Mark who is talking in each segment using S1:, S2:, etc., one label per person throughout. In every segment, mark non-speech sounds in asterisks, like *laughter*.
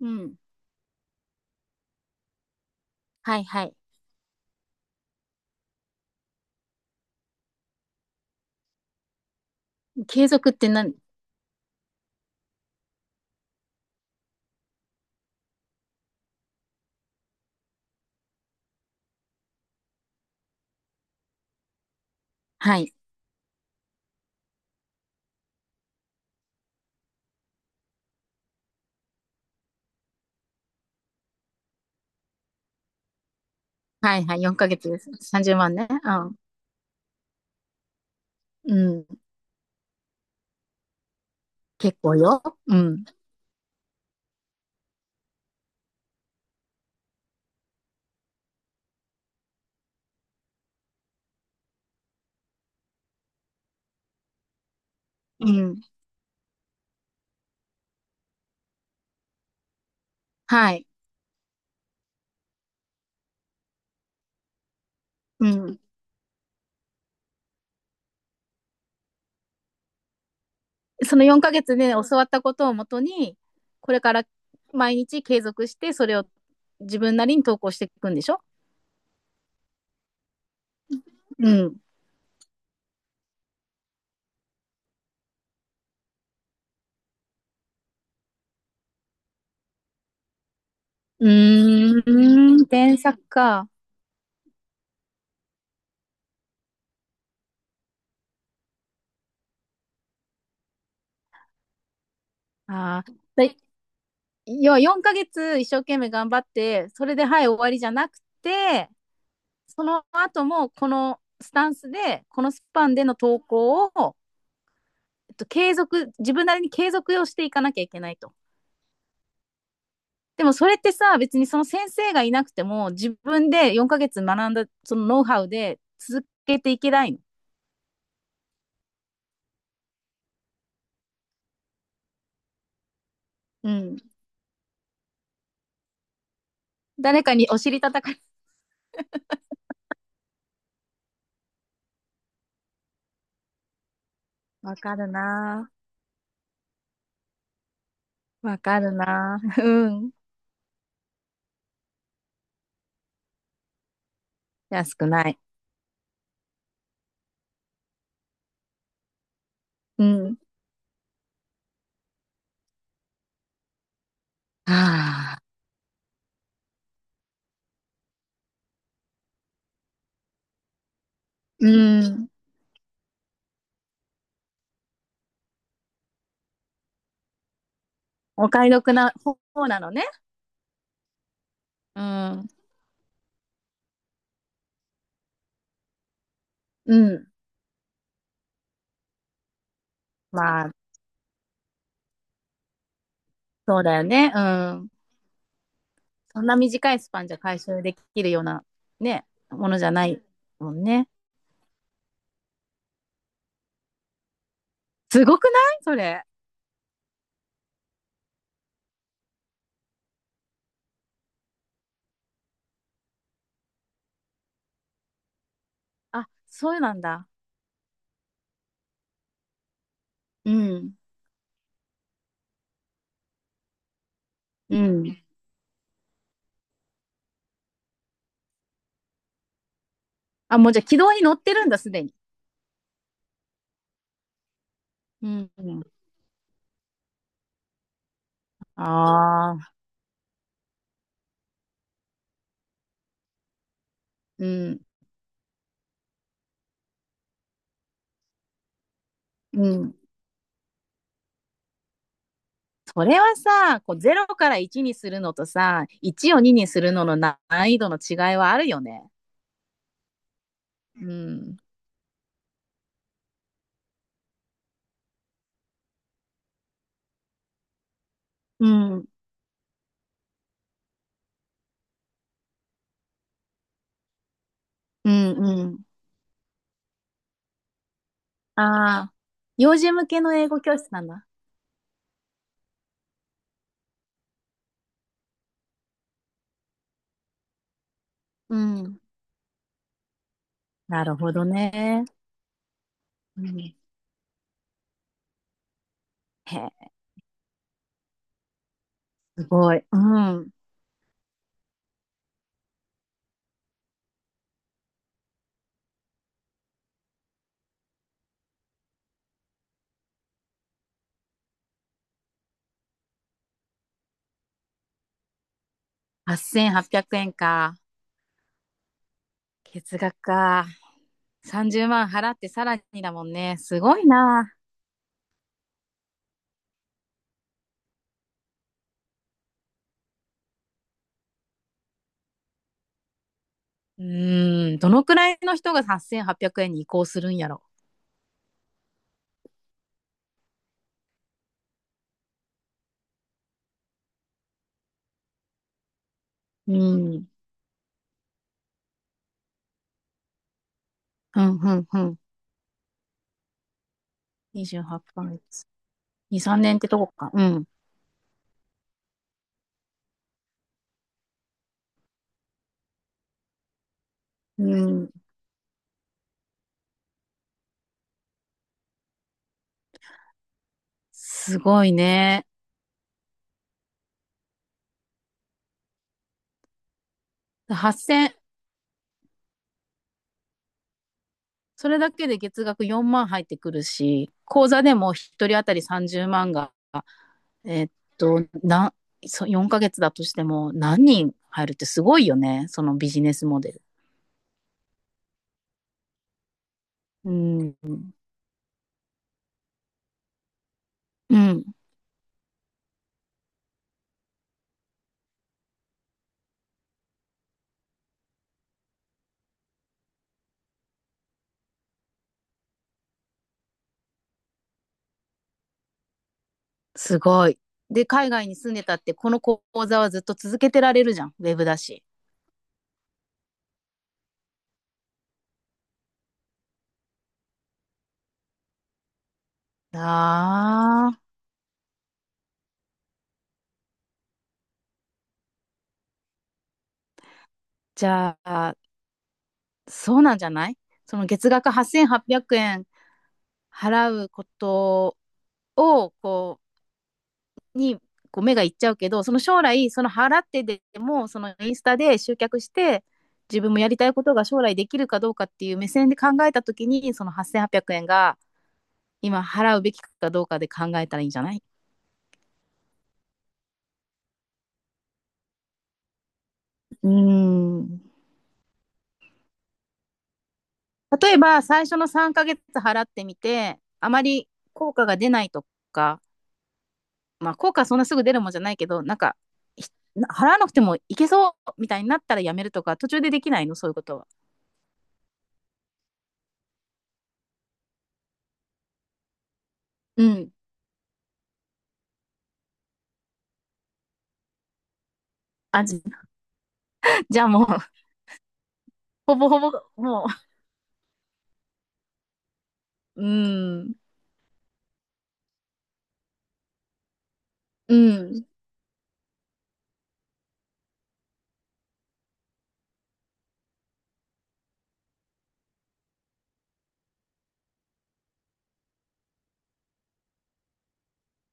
S1: うん。はいはい。継続って何？はい。はいはい。4ヶ月です。30万ね。うん。うん。結構よ。うん。うん。はい。うん。その4ヶ月で教わったことをもとに、これから毎日継続して、それを自分なりに投稿していくんでしょ？うん。うーん。添削か。ああ。で、要は4ヶ月一生懸命頑張って、それではい、終わりじゃなくて、その後もこのスタンスでこのスパンでの投稿を、自分なりに継続をしていかなきゃいけないと。でも、それってさ、別にその先生がいなくても自分で4ヶ月学んだそのノウハウで続けていけないの？うん。誰かにお尻叩かれ、わかるなぁ、わかるなぁ。うん。安くない。うん。はあ。うん。お買い得な方なのね。うん。うん。まあ、そうだよね。うん。そんな短いスパンじゃ回収できるようなね、ものじゃないもんね。すごくないそれ？あ、そうなんだ。うん。うん。あ、もうじゃあ軌道に乗ってるんだ、すでに。うん。ああ、うん。うん。それはさ、こう0から1にするのとさ、1を2にするのの難易度の違いはあるよね。うん。うん。うんうん。ああ、幼児向けの英語教室なんだ。うん。なるほどね。うん、へえ。すごい。うん。8800円か。月額か。30万払ってさらにだもんね。すごいな。うーん。どのくらいの人が8800円に移行するんやろ。うん。うん、うん、うん。28万。2、3年ってとこか。うん。うん。すごいね。8000、それだけで月額4万入ってくるし、口座でも1人当たり30万がえっと、な、4ヶ月だとしても何人入るってすごいよね。そのビジネスモデル。うん。うん。すごい。で、海外に住んでたって、この講座はずっと続けてられるじゃん。ウェブだし。ああ、じゃあ、そうなんじゃない？その月額8800円払うことを、こう、にこう目がいっちゃうけど、その将来、その払ってでもそのインスタで集客して自分もやりたいことが将来できるかどうかっていう目線で考えた時に、その8800円が今払うべきかどうかで考えたらいいんじゃない？うーん。例えば最初の3ヶ月払ってみてあまり効果が出ないとか、まあ、効果はそんなすぐ出るもんじゃないけど、なんか払わなくてもいけそうみたいになったらやめるとか、途中でできないの、そういうことは？うん。あじじゃあもうほぼほぼ、もう、うん、うん。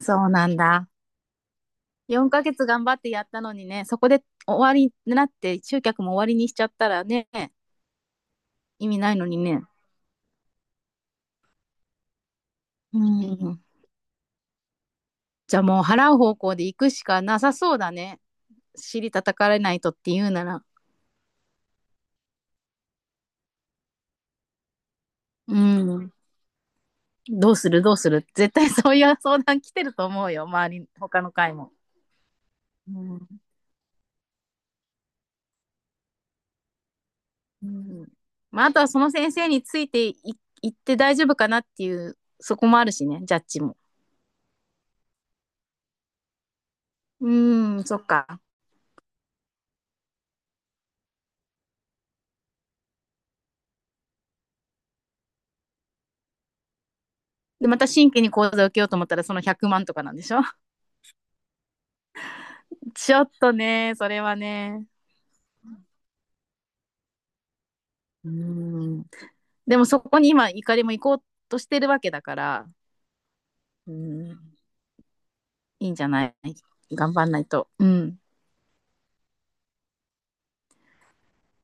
S1: そうなんだ。4ヶ月頑張ってやったのにね、そこで終わりになって、集客も終わりにしちゃったらね、意味ないのにね。うん。じゃあもう払う方向で行くしかなさそうだね。尻叩かれないとって言うなら。うん。どうするどうする絶対 *laughs* そういう相談来てると思うよ。周り、他の会も。うん。うん。まあ、あとはその先生についてい行って大丈夫かなっていう、そこもあるしね、ジャッジも。うーん、そっか。で、また新規に講座を受けようと思ったら、その100万とかなんでしょ？ *laughs* ちょっとね、それはね。うーん。でもそこに今、怒りも行こうとしてるわけだから、うん、いいんじゃない？頑張んないと。うん。